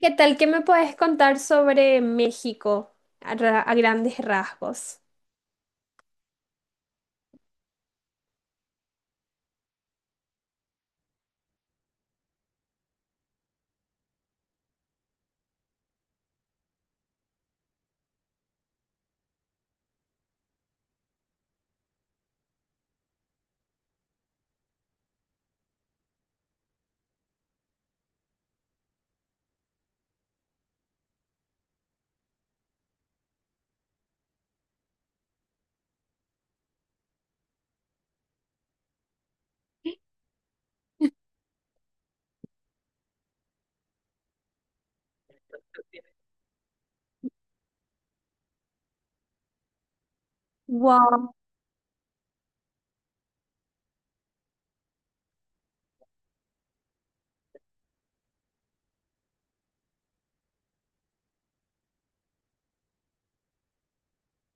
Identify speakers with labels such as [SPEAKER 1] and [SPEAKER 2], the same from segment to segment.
[SPEAKER 1] ¿Qué tal? ¿Qué me puedes contar sobre México a grandes rasgos? Wow.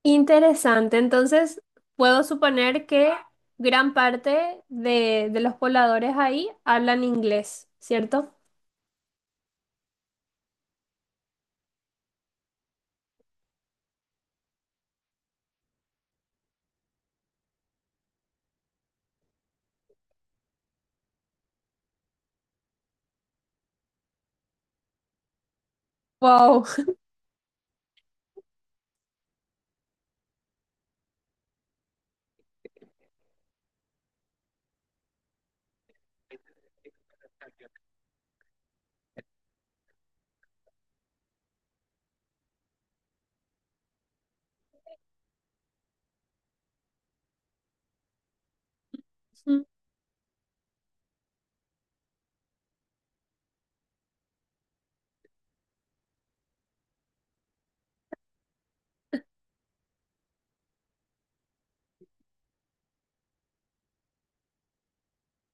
[SPEAKER 1] Interesante. Entonces, puedo suponer que gran parte de los pobladores ahí hablan inglés, ¿cierto? Wow.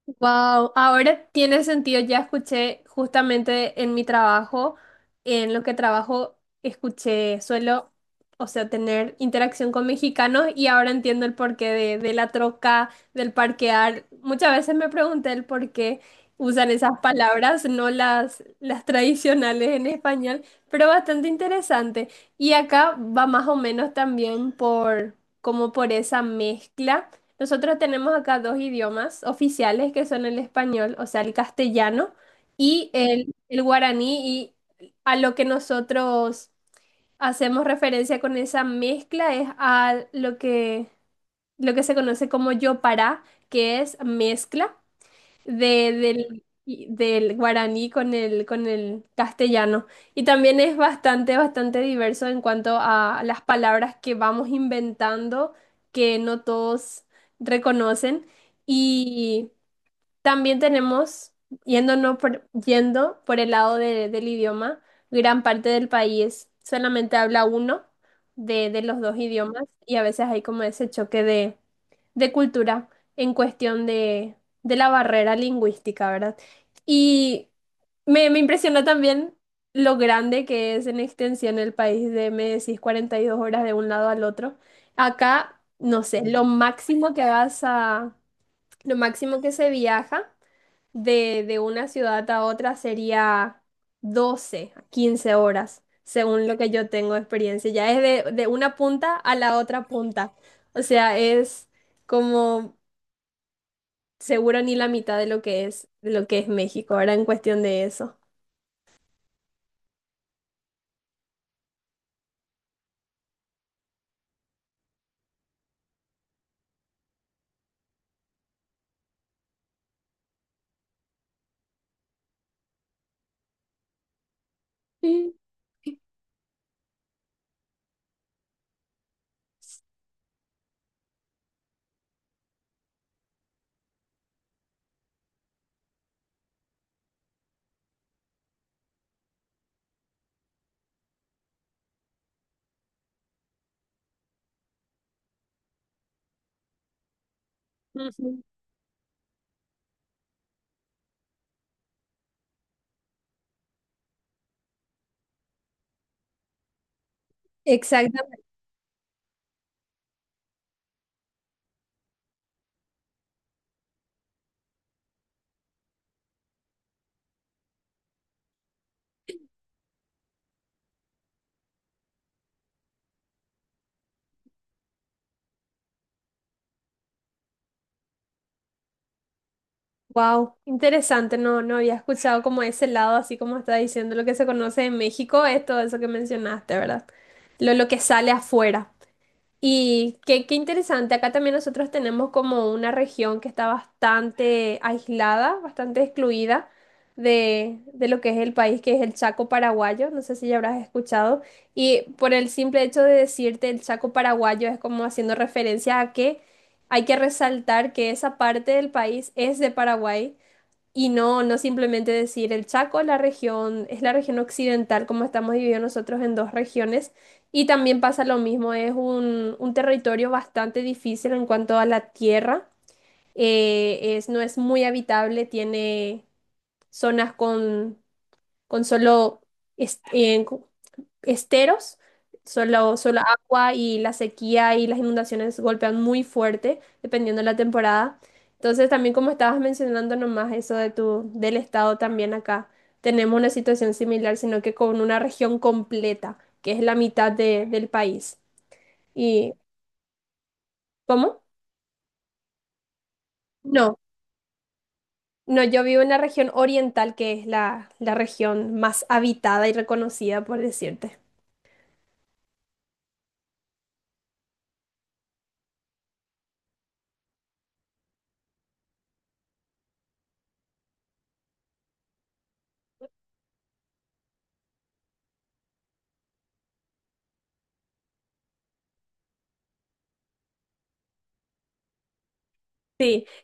[SPEAKER 1] Wow, ahora tiene sentido. Ya escuché justamente en mi trabajo, en lo que trabajo, escuché, suelo, o sea, tener interacción con mexicanos y ahora entiendo el porqué de la troca, del parquear. Muchas veces me pregunté el por qué usan esas palabras, no las tradicionales en español, pero bastante interesante. Y acá va más o menos también por, como por esa mezcla. Nosotros tenemos acá dos idiomas oficiales que son el español, o sea, el castellano y el guaraní. Y a lo que nosotros hacemos referencia con esa mezcla es a lo que se conoce como yopará, que es mezcla del del guaraní con el castellano. Y también es bastante diverso en cuanto a las palabras que vamos inventando, que no todos reconocen. Y también tenemos, yendo por el lado de- del idioma, gran parte del país solamente habla uno de los dos idiomas y a veces hay como ese choque de cultura en cuestión de la barrera lingüística, ¿verdad? Y me impresionó también lo grande que es en extensión el país de, me decís, 42 horas de un lado al otro. Acá, no sé, lo máximo que se viaja de una ciudad a otra sería 12 a 15 horas, según lo que yo tengo de experiencia. Ya es de una punta a la otra punta. O sea, es como seguro ni la mitad de lo que es, de lo que es México, ahora en cuestión de eso. Sí. Ujú. Exactamente. Wow, interesante. No, no había escuchado como ese lado, así como está diciendo lo que se conoce en México, es todo eso que mencionaste, ¿verdad? Lo que sale afuera. Y qué, qué interesante, acá también nosotros tenemos como una región que está bastante aislada, bastante excluida de lo que es el país, que es el Chaco paraguayo, no sé si ya habrás escuchado, y por el simple hecho de decirte el Chaco paraguayo es como haciendo referencia a que hay que resaltar que esa parte del país es de Paraguay y no, no simplemente decir el Chaco, la región, es la región occidental, como estamos divididos nosotros en dos regiones. Y también pasa lo mismo, es un territorio bastante difícil en cuanto a la tierra. Es, no es muy habitable, tiene zonas con solo, es- en- esteros, solo, solo agua y la sequía y las inundaciones golpean muy fuerte, dependiendo de la temporada. Entonces, también como estabas mencionando nomás eso de tu, del estado también acá, tenemos una situación similar, sino que con una región completa, que es la mitad de- del país. ¿Y cómo? No, no, yo vivo en la región oriental, que es la, la región más habitada y reconocida, por decirte.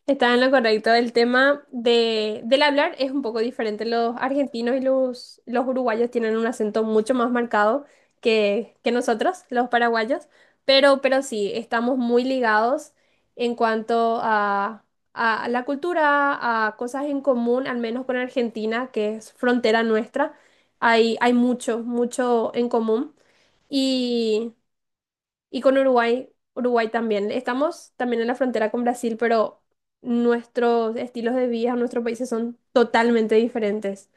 [SPEAKER 1] Está en lo correcto. El tema de, del hablar es un poco diferente. Los argentinos y los uruguayos tienen un acento mucho más marcado que nosotros, los paraguayos, pero sí, estamos muy ligados en cuanto a la cultura, a cosas en común, al menos con Argentina, que es frontera nuestra. Hay mucho, mucho en común. Y con Uruguay, Uruguay también. Estamos también en la frontera con Brasil, pero nuestros estilos de vida, nuestros países son totalmente diferentes.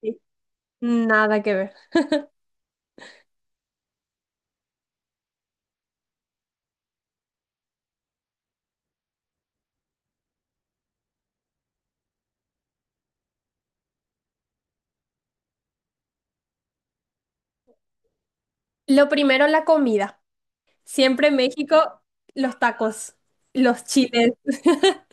[SPEAKER 1] Sí. Nada que ver. Lo primero, la comida. Siempre en México, los tacos, los chiles.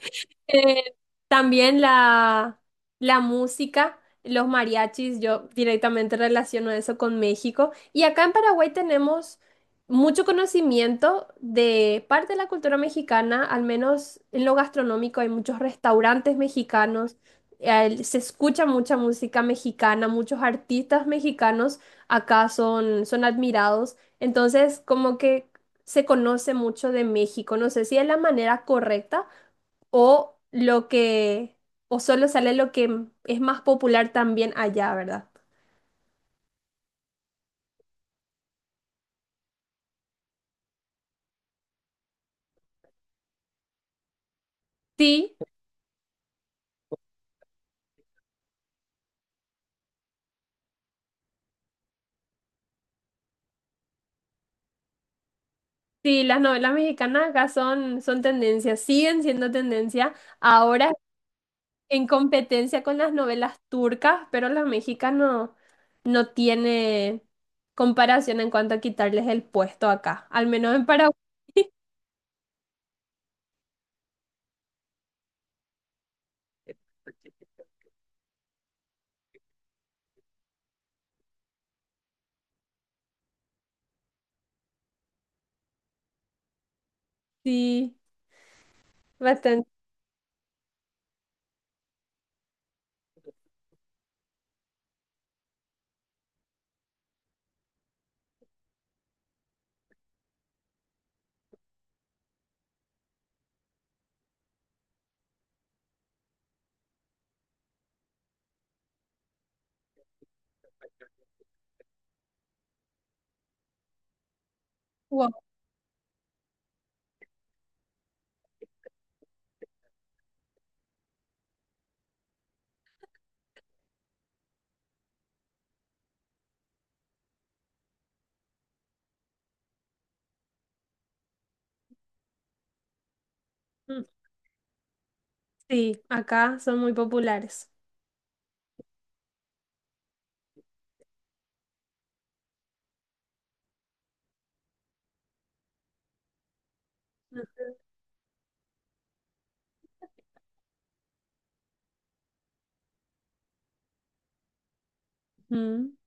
[SPEAKER 1] Eh, También la música, los mariachis, yo directamente relaciono eso con México. Y acá en Paraguay tenemos mucho conocimiento de parte de la cultura mexicana, al menos en lo gastronómico hay muchos restaurantes mexicanos, se escucha mucha música mexicana, muchos artistas mexicanos acá son, son admirados. Entonces, como que se conoce mucho de México. No sé si es la manera correcta o lo que, o solo sale lo que es más popular también allá, ¿verdad? Sí, sí, las novelas mexicanas acá son, son tendencia, siguen siendo tendencia, ahora en competencia con las novelas turcas, pero las mexicanas no no tiene comparación en cuanto a quitarles el puesto acá, al menos en Paraguay, sí, bastante. Wow. Mm, sí, acá son muy populares. Ujú.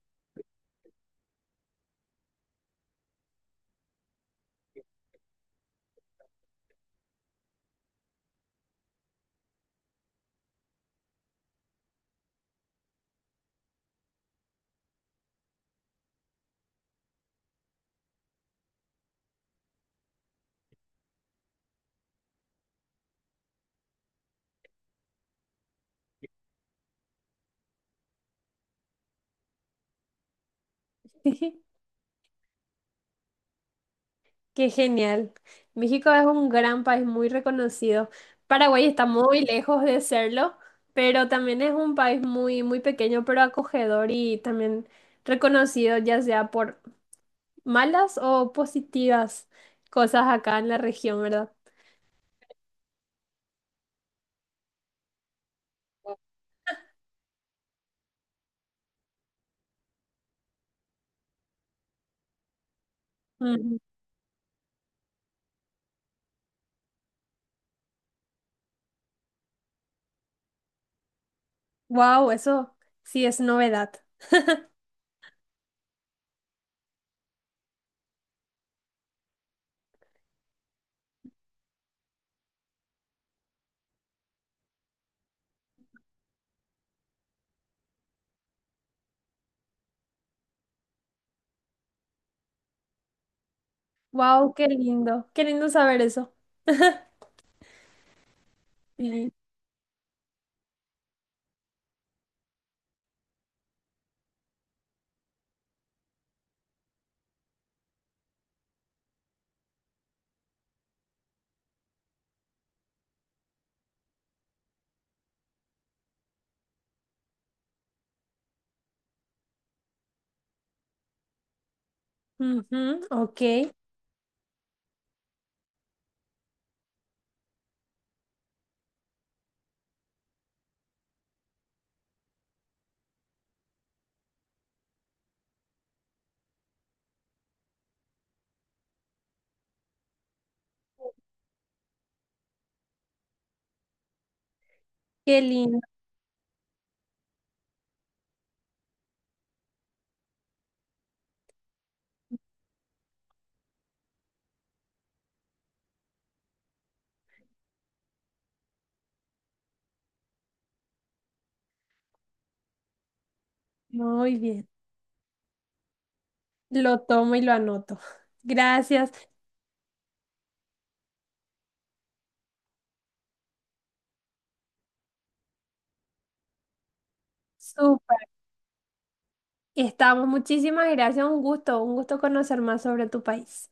[SPEAKER 1] Qué genial. México es un gran país muy reconocido. Paraguay está muy lejos de serlo, pero también es un país muy, muy pequeño, pero acogedor y también reconocido, ya sea por malas o positivas cosas acá en la región, ¿verdad? Wow, eso sí es novedad. Wow, qué lindo. Qué lindo saber eso. Sí. Ujú, ok, qué lindo. Muy bien. Lo tomo y lo anoto. Gracias. Súper. Estamos, muchísimas gracias, un gusto conocer más sobre tu país.